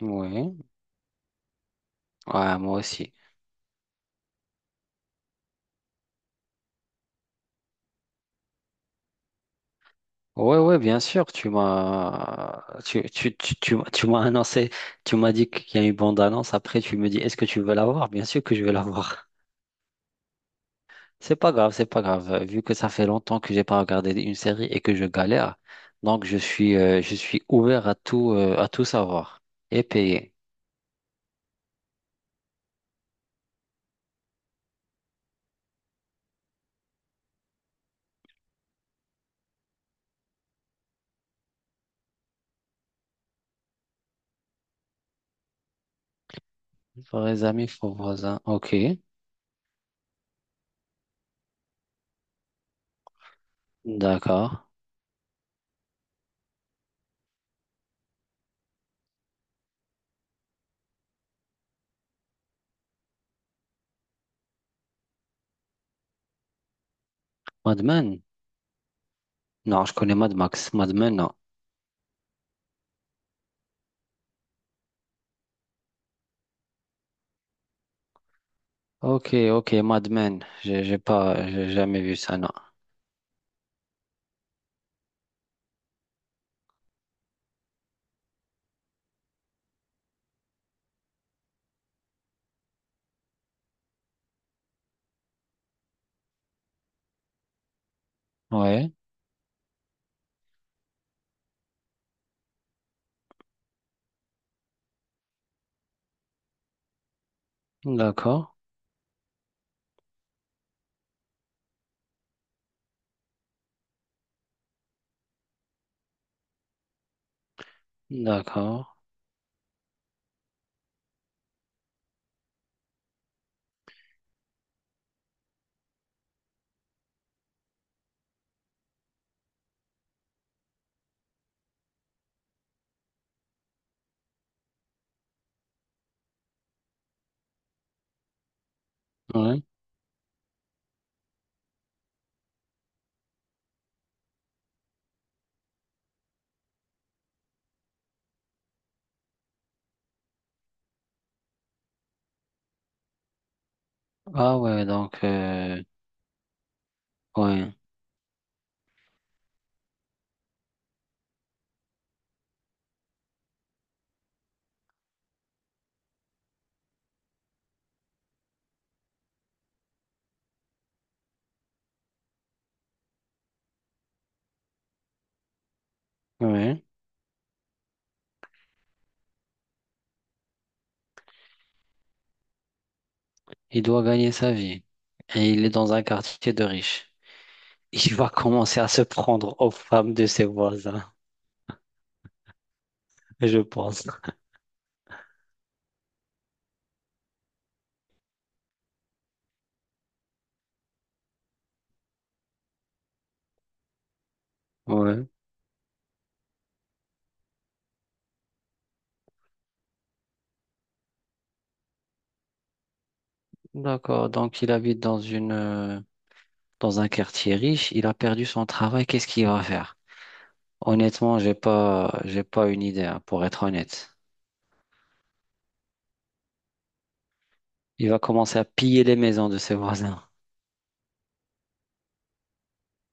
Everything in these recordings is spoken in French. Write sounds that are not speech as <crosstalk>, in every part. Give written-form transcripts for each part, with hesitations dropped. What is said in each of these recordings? Ouais, ouais, moi aussi. Ouais, ouais, bien sûr, tu m'as annoncé, tu m'as dit qu'il y a une bande-annonce, après tu me dis est-ce que tu veux la voir? Bien sûr que je vais la voir. <laughs> C'est pas grave, vu que ça fait longtemps que j'ai pas regardé une série et que je galère, donc je suis ouvert à tout savoir et payer. Vrais amis, faux voisins. OK. D'accord. Mad Men? Non, je connais Mad Max. Mad Men, non. Ok, ok, Mad Men. J'ai pas, j'ai jamais vu ça, non. Ouais, d'accord, d'accord, ouais. Ah ouais, donc, ouais, ouais. Il doit gagner sa vie. Et il est dans un quartier de riches. <laughs> Il va commencer à se prendre aux femmes de ses voisins, <laughs> je pense. Ouais, d'accord. Donc, il habite dans une, dans un quartier riche. Il a perdu son travail. Qu'est-ce qu'il va faire? Honnêtement, j'ai pas une idée, hein, pour être honnête. Il va commencer à piller les maisons de ses voisins.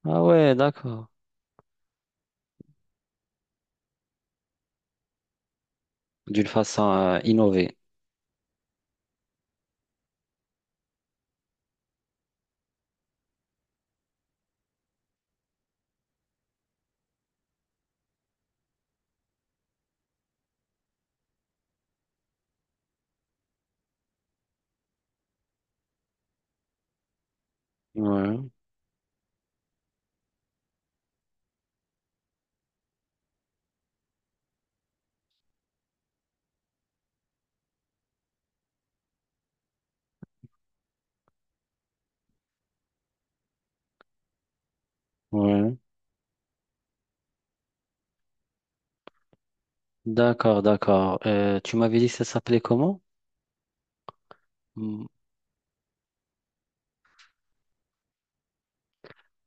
Ah ouais, d'accord. D'une façon, innovée. Ouais, ouais. D'accord, d'accord. Tu m'avais dit que ça s'appelait comment? Hmm.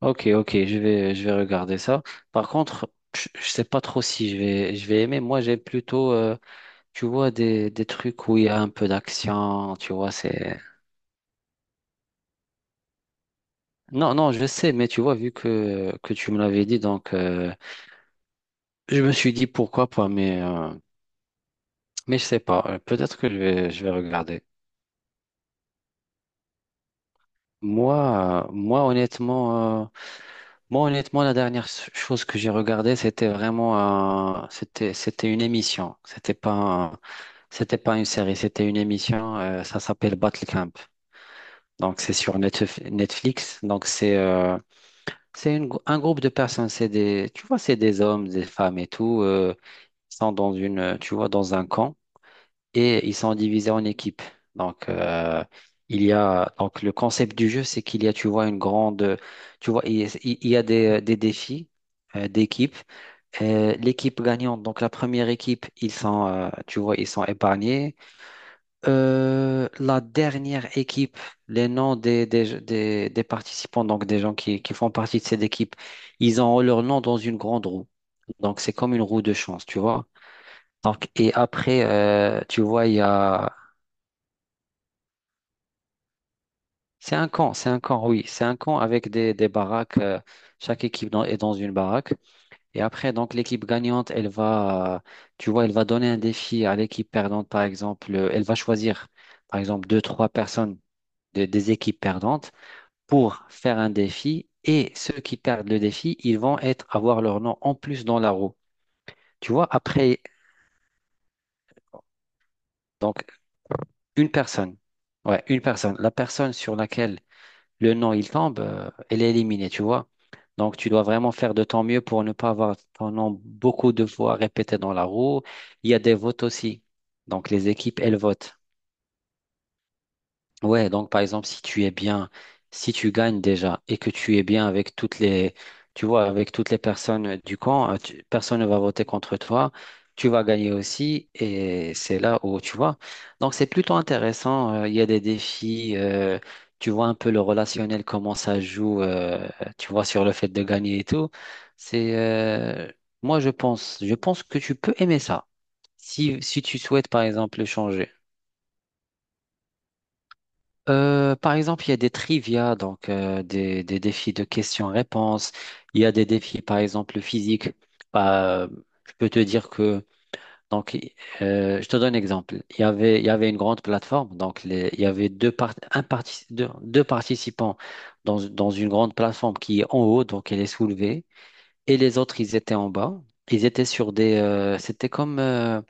Ok, ok, je vais regarder ça. Par contre, je sais pas trop si je vais aimer. Moi, j'aime plutôt, tu vois, des trucs où il y a un peu d'action, tu vois, c'est... Non, non, je sais, mais tu vois, vu que tu me l'avais dit, donc, je me suis dit pourquoi pas, mais je sais pas. Peut-être que je vais regarder. Moi, honnêtement, moi, honnêtement, la chose que j'ai regardée, c'était, c'était une émission. C'était pas, c'était pas une série, c'était une émission. Ça s'appelle Battle Camp. Donc, c'est sur Netflix. Donc, c'est une un groupe de personnes. C'est des, tu vois, c'est des hommes, des femmes et tout, sont dans une, tu vois, dans un camp et ils sont divisés en équipes. Donc, il y a, donc le concept du jeu, c'est qu'il y a, tu vois, une grande, tu vois, il y a des défis d'équipe. L'équipe gagnante, donc la première équipe, ils sont, tu vois, ils sont épargnés. La dernière équipe, les noms des participants, donc des gens qui font partie de cette équipe, ils ont leur nom dans une grande roue. Donc, c'est comme une roue de chance, tu vois. Donc, et après, tu vois, il y a c'est un camp, c'est un camp, oui. C'est un camp avec des baraques. Chaque équipe est dans une baraque. Et après, donc, l'équipe gagnante, elle va, tu vois, elle va donner un défi à l'équipe perdante, par exemple. Elle va choisir, par exemple, deux, trois personnes des équipes perdantes pour faire un défi. Et ceux qui perdent le défi, ils vont être, avoir leur nom en plus dans la roue. Tu vois, après, donc, une personne. Ouais, une personne. La personne sur laquelle le nom il tombe, elle est éliminée, tu vois. Donc, tu dois vraiment faire de ton mieux pour ne pas avoir ton nom beaucoup de fois répété dans la roue. Il y a des votes aussi. Donc, les équipes, elles votent. Ouais, donc par exemple, si tu es bien, si tu gagnes déjà et que tu es bien avec toutes les, tu vois, avec toutes les personnes du camp, personne ne va voter contre toi, tu vas gagner aussi et c'est là où, tu vois. Donc c'est plutôt intéressant, il y a des défis, tu vois un peu le relationnel, comment ça joue, tu vois, sur le fait de gagner et tout. C'est, moi je pense que tu peux aimer ça. Si, si tu souhaites par exemple le changer. Par exemple, il y a des trivia, donc des défis de questions-réponses. Il y a des défis, par exemple, physiques. Bah, je peux te dire que, donc, je te donne un exemple. Il y avait une grande plateforme, donc il y avait deux, deux, deux participants dans, dans une grande plateforme qui est en haut, donc elle est soulevée, et les autres, ils étaient en bas. Ils étaient sur des, c'était comme,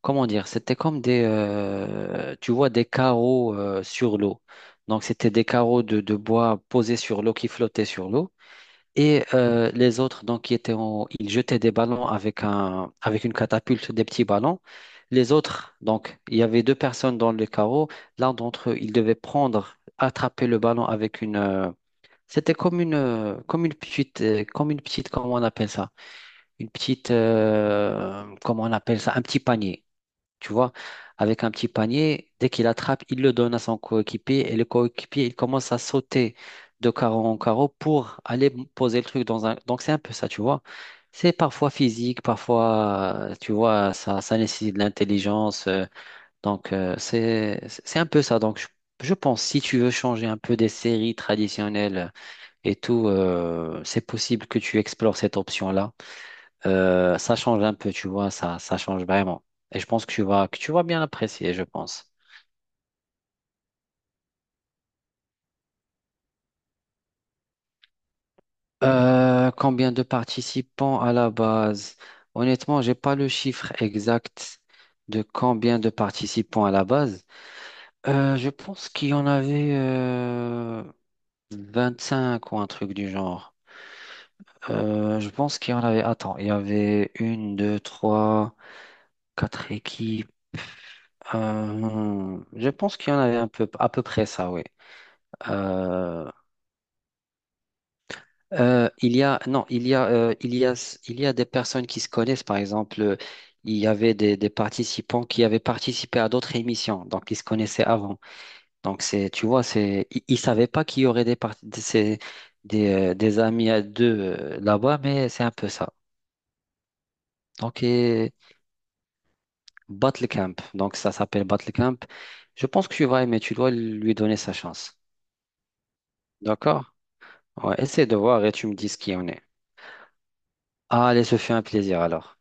comment dire, c'était comme des, tu vois, des carreaux sur l'eau. Donc, c'était des carreaux de bois posés sur l'eau qui flottaient sur l'eau. Et les autres, donc, qui étaient ils jetaient des ballons avec un, avec une catapulte, des petits ballons. Les autres, donc, il y avait deux personnes dans le carreau. L'un d'entre eux, il devait prendre, attraper le ballon avec une. C'était comme une petite, comment on appelle ça? Une petite, comment on appelle ça? Un petit panier. Tu vois, avec un petit panier, dès qu'il attrape, il le donne à son coéquipier et le coéquipier, il commence à sauter de carreau en carreau pour aller poser le truc dans un. Donc, c'est un peu ça, tu vois. C'est parfois physique, parfois, tu vois, ça nécessite de l'intelligence. Donc, c'est un peu ça. Donc, je pense, si tu veux changer un peu des séries traditionnelles et tout, c'est possible que tu explores cette option-là. Ça change un peu, tu vois, ça change vraiment. Et je pense que tu vas bien apprécier, je pense. Combien de participants à la base? Honnêtement, j'ai pas le chiffre exact de combien de participants à la base. Je pense qu'il y en avait 5 ou un truc du genre. Je pense qu'il y en avait. Attends, il y avait 1, 2, 3, 4 équipes. Je pense qu'il y en avait un peu, à peu près ça, oui. Il y a non, il y a il y a il y a des personnes qui se connaissent. Par exemple, il y avait des participants qui avaient participé à d'autres émissions, donc ils se connaissaient avant. Donc c'est tu vois, c'est ils, ils savaient pas qu'il y aurait des par- de ces- des amis à deux là-bas, mais c'est un peu ça. Donc et Battle Camp, donc ça s'appelle Battle Camp. Je pense que tu vas aimer, tu dois lui donner sa chance. D'accord? Ouais, essaie de voir et tu me dis ce qu'il en est. Allez, se fait un plaisir alors.